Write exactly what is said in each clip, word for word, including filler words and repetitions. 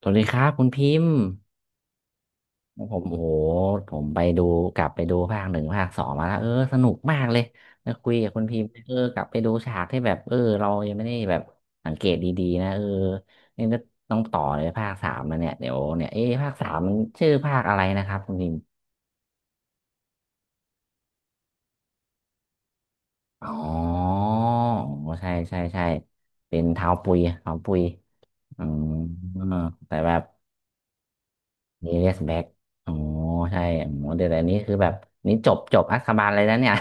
สวัสดีครับคุณพิมพ์ผมโอ้โหผมไปดูกลับไปดูภาคหนึ่งภาคสองมาแล้วเออสนุกมากเลยนะคุยกับคุณพิมพ์เออกลับไปดูฉากที่แบบเออเรายังไม่ได้แบบสังเกตดีๆนะเออนี่จะต้องต่อเลยภาคสามมาเนี่ยเดี๋ยวเนี่ยเอ๊ะภาคสามมันชื่อภาคอะไรนะครับคุณพิมพ์อ๋อใช่ใช่ใช่เป็นเท้าปุยเท้าปุยอืมแต่แบบ มีเรียสแบ็กอ๋อใช่อ๋อเดี๋ยวแต่นี้คือแบบนี่จบจบอักคาบาลเลยนะเนี่ย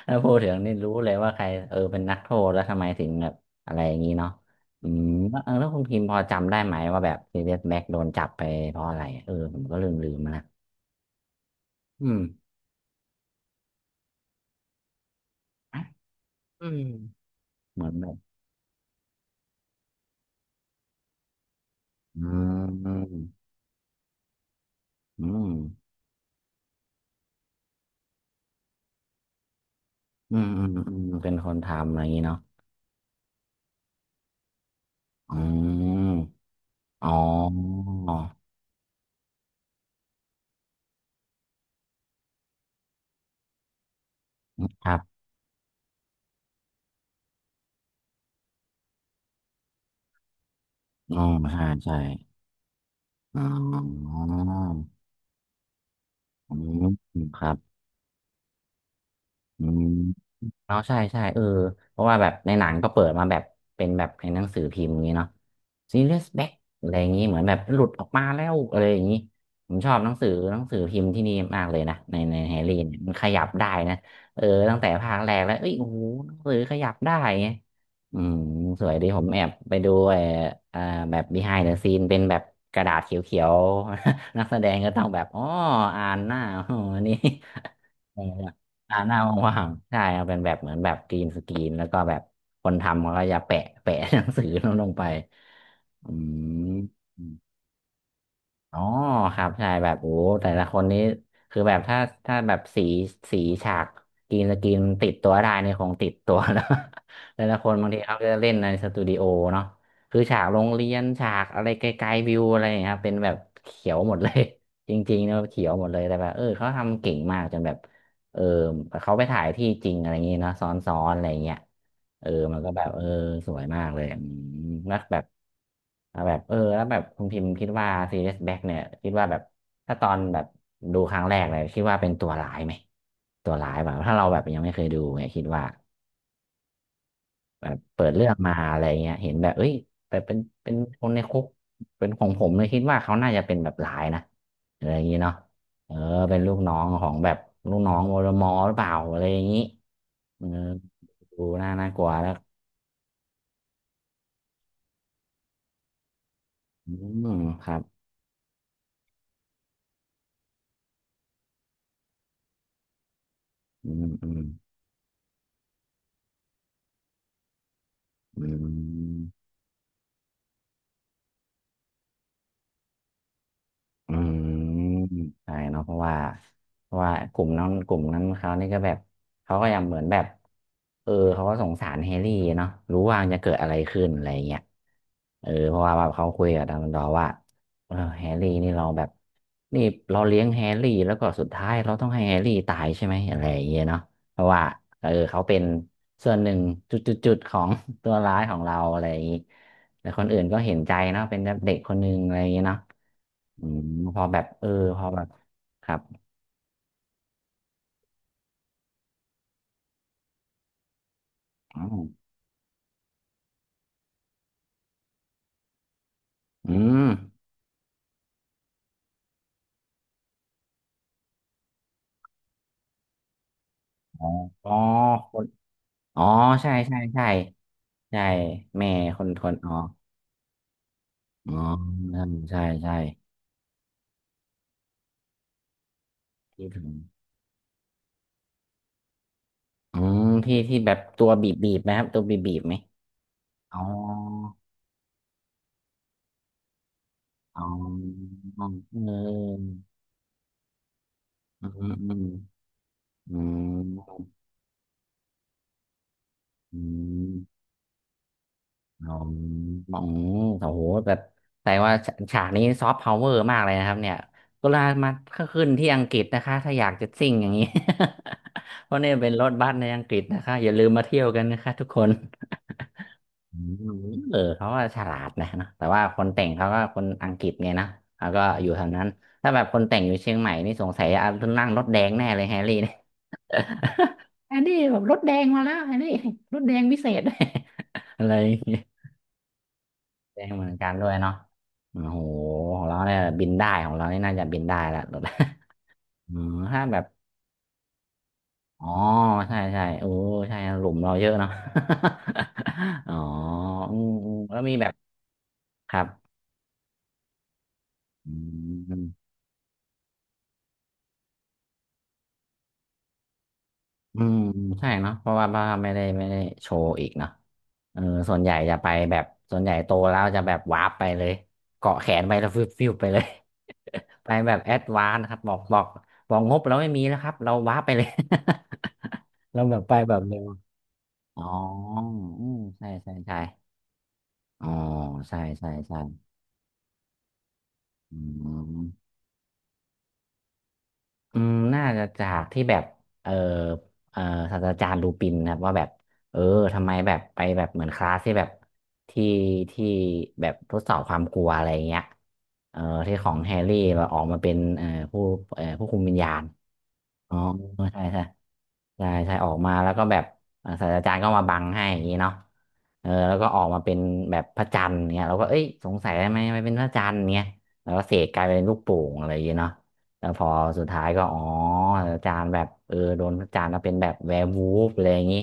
ถ้าพูดถึงนี่รู้เลยว่าใครเออเป็นนักโทษแล้วทำไมถึงแบบอะไรอย่างนี้เนาะอืมแล้วเออแล้วคุณพิมพ์พอจำได้ไหมว่าแบบเรียสแบ็กโดนจับไปเพราะอะไรเออผมก็ลืมลืมมานะอืมอืมเหมือนแบบอืมอืมอืมอืมอืมอืมเป็นคนทำอะไรอย่างนี้เนาะอืมอ๋อครับอ๋อใช่ใช่อ๋อ อืมครับอืมเนาะใช่ใช่เออเพราะว่าแบบในหนังก็เปิดมาแบบเป็นแบบในหนังสือพิมพ์อย่างนี้เนาะ เอส อี อาร์ ไอ โอ ยู เอส บี เอ ซี เค อะไรอย่างนี้เหมือนแบบหลุดออกมาแล้วอะไรอย่างนี้ผมชอบหนังสือหนังสือพิมพ์ที่นี่มากเลยนะในในแฮร์รี่เนี่ยมันขยับได้นะเออตั้งแต่ภาคแรกแล้วเอ้ยโอ้โหหนังสือขยับได้ไงอืมสวยดีผมแอบไปดูไอ้เอ่อแบบ behind the scene เป็นแบบกระดาษเขียวๆ นักแสดงก็ต้องแบบอ๋ออ่านหน้า อ๋อนี่ เอออ่าหน้าว่างๆใช่เอาเป็นแบบเหมือนแบบกรีนสกรีนแล้วก็แบบคนทำเขาก็จะแปะ แปะหนังสือลงลงไปอืมอ๋อครับใช่แบบโอ้แต่ละคนนี้คือแบบถ้าถ้าแบบสีสีฉากกรีนสกรีนติดตัวได้นี่คงติดตัวแล้ว แต่ละคนบางทีเขาก็จะเล่นในสตูดิโอเนาะคือฉากโรงเรียนฉากอะไรไกลๆวิวอะไรอย่างเงี้ยครับเป็นแบบเขียวหมดเลย จริงๆนะเขียวหมดเลยแต่แบบเออเขาทำเก่งมากจนแบบ เออเขาไปถ่ายที่จริงอะไรอย่างงี้เนอะซ้อนๆอะไรอย่างเงี้ยเออมันก็แบบเออสวยมากเลยอืมแล้วแบบแล้วแบบเออแล้วแบบคุณพิมพ์คิดว่าซีรีสแบ็กเนี่ยคิดว่าแบบถ้าตอนแบบดูครั้งแรกเลยคิดว่าเป็นตัวร้ายไหมตัวร้ายแบบถ้าเราแบบยังไม่เคยดูเนี่ยคิดว่า แบบเปิดเรื่องมาอะไรเงี้ยเห็นแบบเอ้ยแบบเป็นเป็นคนในคุก เป็นของผมเลยคิดว่าเขาน่าจะเป็นแบบหลายนะอะไรอย่างงี้เนาะเออเป็นลูกน้องของแบบลูกน้องวรมอหรือเปล่าอะไรอย่างงี้เออดูน่าน่ากลัวแล้วอืมครับอืมอืมอืม อืมใช่เนาะเพราะว่าเพราะว่ากลุ่มนั้นกลุ่มนั้นเขานี่ก็แบบเขาก็ยังเหมือนแบบเออเขาก็สงสารแฮร์รี่เนาะรู้ว่าจะเกิดอะไรขึ้นอะไรเงี้ยเออเพราะว่าแบบเขาคุยกับดัมเบิลดอร์ว่าเออแฮร์รี่นี่เราแบบนี่เราเลี้ยงแฮร์รี่แล้วก็สุดท้ายเราต้องให้แฮร์รี่ตายใช่ไหมอะไรอย่างเงี้ยเนาะเพราะว่าเออเขาเป็นส่วนหนึ่งจุดๆๆของ ตัวร้ายของเราอะไรอย่างงี้แต่คนอื่นก็เห็นใจเนาะเป็นเด็กคนหนึ่งอะไรอย่างงี้เนาะ อืมพอแบบเออพอแบบครับอ๋ออืมอ๋ออ๋อคนอ๋อใช่ใช่ใช่ใช่แม่คนทนอ๋ออ๋อใช่ใช่ที่ถึงอืมที่ที่แบบตัวบีบบีบไหมครับตัวบีบบีบไหมอ๋ออ๋อเอออืมอืมอืมอืม อ๋ออืมโอ้โหแบบแต่ว่าฉฉากนี้ซอฟต์พาวเวอร์มากเลยนะครับเนี่ยก็ลามาขึ้นที่อังกฤษนะคะถ้าอยากจะซิ่งอย่างนี้ เพราะเนี่ยเป็นรถบัสในอังกฤษนะคะอย่าลืมมาเที่ยวกันนะคะทุกคนอืมเออเขาว่าฉลาดนะเนอะแต่ว่าคนแต่งเขาก็คนอังกฤษไงนะแล้วก็อยู่ทางนั้นถ้าแบบคนแต่งอยู่เชียงใหม่นี่สงสัยอ่ะนั่งรถแดงแน่เลยแฮร์รี่เนี่ยอันนี้แบบรถแดงมาแล้วอันนี้ รถแดงวิเศษ อะไร แจ้งเหมือนกันด้วยเนาะโอ้โหของเราเนี่ยบินได้ของเรานี่น่าจะบินได้ละรถ อ๋อถ้าแบบอ๋อใช่ใช่โอ้ใช่หลุมเราเยอะเนาะ อ๋ออืมอืมแล้วมีแบบครับอืมอืมใช่เนาะเพราะว่าบ้าไม่ได้ไม่ได้โชว์อีกเนาะเออส่วนใหญ่จะไปแบบส่วนใหญ่โตแล้วจะแบบวาร์ปไปเลยเกาะแขนไปแล้วฟิวฟิวไปเลย ไปแบบแอดวานซ์ครับบอกบอกบอกงบเราไม่มีแล้วครับเราวาร์ปไปเลย แล้วแบบไปแบบเร็วอ๋ออืมใช่ใช่ใช่อ๋อ ใช่ใช่ใช่อืมอืมน่าจะจากที่แบบเออเออศาสตราจารย์ลูปินนะครับว่าแบบ เออ ทำไมแบบไปแบบเหมือนคลาสที่แบบที่ที่แบบทดสอบความกลัวอะไรเงี้ยเออที่ของแฮร์รี่แบบออกมาเป็นเออผู้เออผู้คุมวิญญาณ อ๋อ ใช่ใช่ ใช่ใช่ออกมาแล้วก็แบบอ่าศาสตราจารย์ก็มาบังให้อย่างนี้เนาะเออแล้วก็ออกมาเป็นแบบพระจันทร์เนี่ยเราก็เอ้ยสงสัยทำไมไม่เป็นพระจันทร์เนี่ยแล้วก็เสกกลายเป็นลูกโป่งอะไรอย่างเงี้ยเนาะแล้วพอสุดท้ายก็อ๋อศาสตราจารย์แบบเออโดนพระจันทร์แล้วเป็นแบบแวร์วูฟอะไรอย่างนี้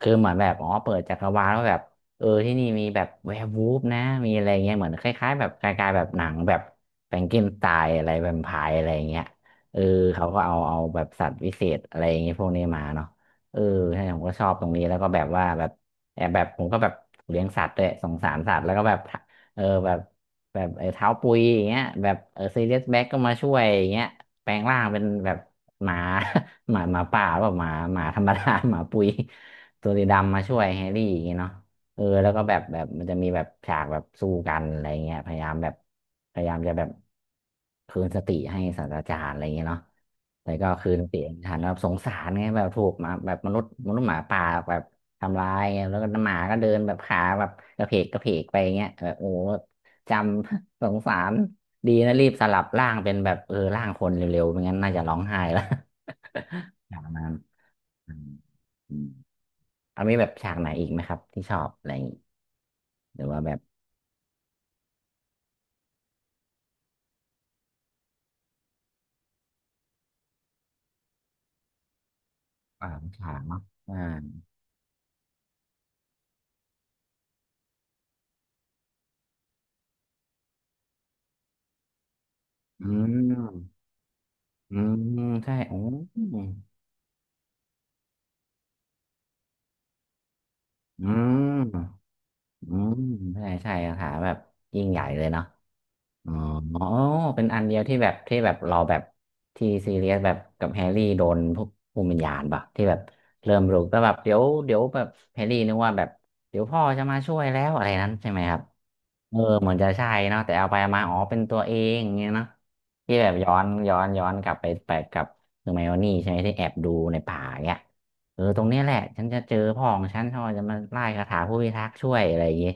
คือเหมือนแบบอ๋อเปิดจักรวาลว่าแบบเออที่นี่มีแบบแวร์วูฟนะมีอะไรเงี้ยเหมือนคล้ายๆแบบคล้ายๆแบบหนังแบบแฟรงเกนสไตน์อะไรแวมไพร์อะไรอย่างเงี้ย เออเขาก็เอาเอาแบบสัตว์วิเศษอะไรอย่างเงี้ยพวกนี้มาเนาะเออใช่ผมก็ชอบตรงนี้แล้วก็แบบว่าแบบแอบแบบผมก็แบบเลี้ยงสัตว์ด้วยสงสารสัตว์แล้วก็แบบเออแบบแบบไอ้เท้าปุยอย่างเงี้ยแบบเออซีเรียสแบ็กก็มาช่วยอย่างเงี้ยแปลงร่างเป็นแบบหมา หมาหมาป่าหรือเปล่าหมาหมาธรรมดา หมาปุยตัวสีดำมาช่วยแฮร์รี่อย่างเงี้ยเนาะ เออแล้วก็แบบแบบมันจะมีแบบฉากแบบสู้กันอะไรเงี้ยพยายามแบบพยายามจะแบบคืนสติให้ศาสตราจารย์อะไรเงี้ยเนาะแต่ก็คืนสติไม่ทันแบบสงสารไงแบบถูกหมาแบบมนุษย์มนุษย์หมาป่าแบบทำร้ายไงแล้วก็หมาก็เดินแบบขาแบบกระเพกกระเพกไปเงี้ยแบบโอ้โหจำ สงสารดีนะรีบสลับร่างเป็นแบบเออร่างคนเร็วๆไม่งั้นน่าจะร้องไห้แล้ว อย่างนั้นอืม เอามีแบบฉากไหนอีกไหมครับที่ชอบอะไรอย่างงี้หรือว่าแบบอ่าฉากเนาะอ่าอืมอืมใช่โอ้อืมอืมใช่ใช่คาถาแบบยิ่งใหญ่เลยเนาะอ๋ออ๋อเป็นอันเดียวที่แบบที่แบบเราแบบที่ซีเรียสแบบกับแฮร์รี่โดนพวกภูมิวิญญาณปะที่แบบเริ่มรู้ก็แบบเดี๋ยวเดี๋ยวแบบแฮร์รี่นึกว่าแบบเดี๋ยวพ่อจะมาช่วยแล้วอะไรนั้นใช่ไหมครับ เออเหมือนจะใช่เนาะแต่เอาไปเอามาอ๋อเป็นตัวเองอย่างเงี้ยเนาะที่แบบย้อนย้อนย้อนกลับไปไปกับเฮอร์ไมโอนี่ใช่ไหมที่แอบดูในป่าเนี่ยเออตรงเนี้ยแหละฉันจะเจอพ่อของฉันเขาจะมาไล่คาถาผู้พิทักษ์ช่วยอะไรอย่างเงี้ย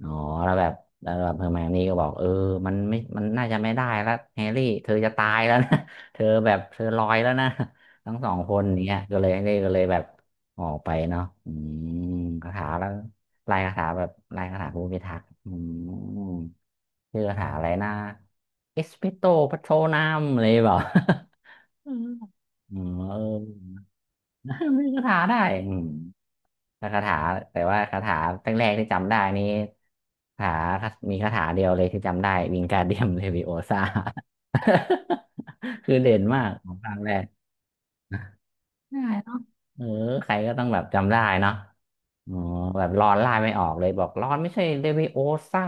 อ๋อแล้วแบบแล้วแบบเฮอร์ไมโอนี่ก็บอกเออมันไม่มันน่าจะไม่ได้แล้วแฮร์รี่เธอจะตายแล้วนะ เธอแบบเธอลอยแล้วนะทั้งสองคนเนี้ยก็เลยก็เลยก็เลยแบบออกไปเนาะอืมคาถาแล้ว ลายคาถาแบบลายคาถาภูมิทักษ์อืมชื่อคาถาอะไรนะเอสเปโตปัโชนามอะไรเปล่าอืมอืมเออ มีคาถาได้อืมแต่คาถาแต่ว่าคาถาตั้งแรกๆที่จำได้นี่คาถามีคาถาเดียวเลยที่จำได้ วิงการเดียมเลวิโอซา คือเด่นมากของภาคแรกใช่เออใครก็ต้องแบบจำได้เนาะ อ๋อแบบร้อนไล่ไม่ออกเลยบอกร้อนไม่ใช่เลวิโอซ่า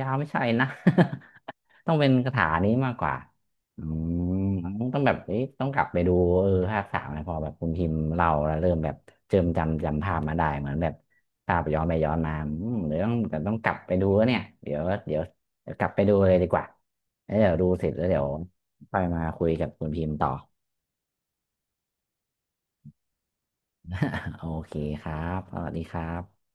ยาวๆไม่ใช่นะ ต้องเป็นคาถานี้มากกว่าอืมต้องแบบเอ๊ะต้องกลับไปดูเออภาคสามนะพอแบบคุณพิมพ์เราแล้วเริ่มแบบเจิมจำจำภาพมาได้เหมือนแบบภาพย้อนไปย้อนมาอืมเดี๋ยวต้องแต่ต้องกลับไปดูแล้วเนี่ยเดี๋ยวเดี๋ยวเดี๋ยวกลับไปดูเลยดีกว่าแล้วเดี๋ยวดูเสร็จแล้วเดี๋ยวค่อยมาคุยกับคุณพิมพ์ต่อ โอเคครับสวัสดีครับ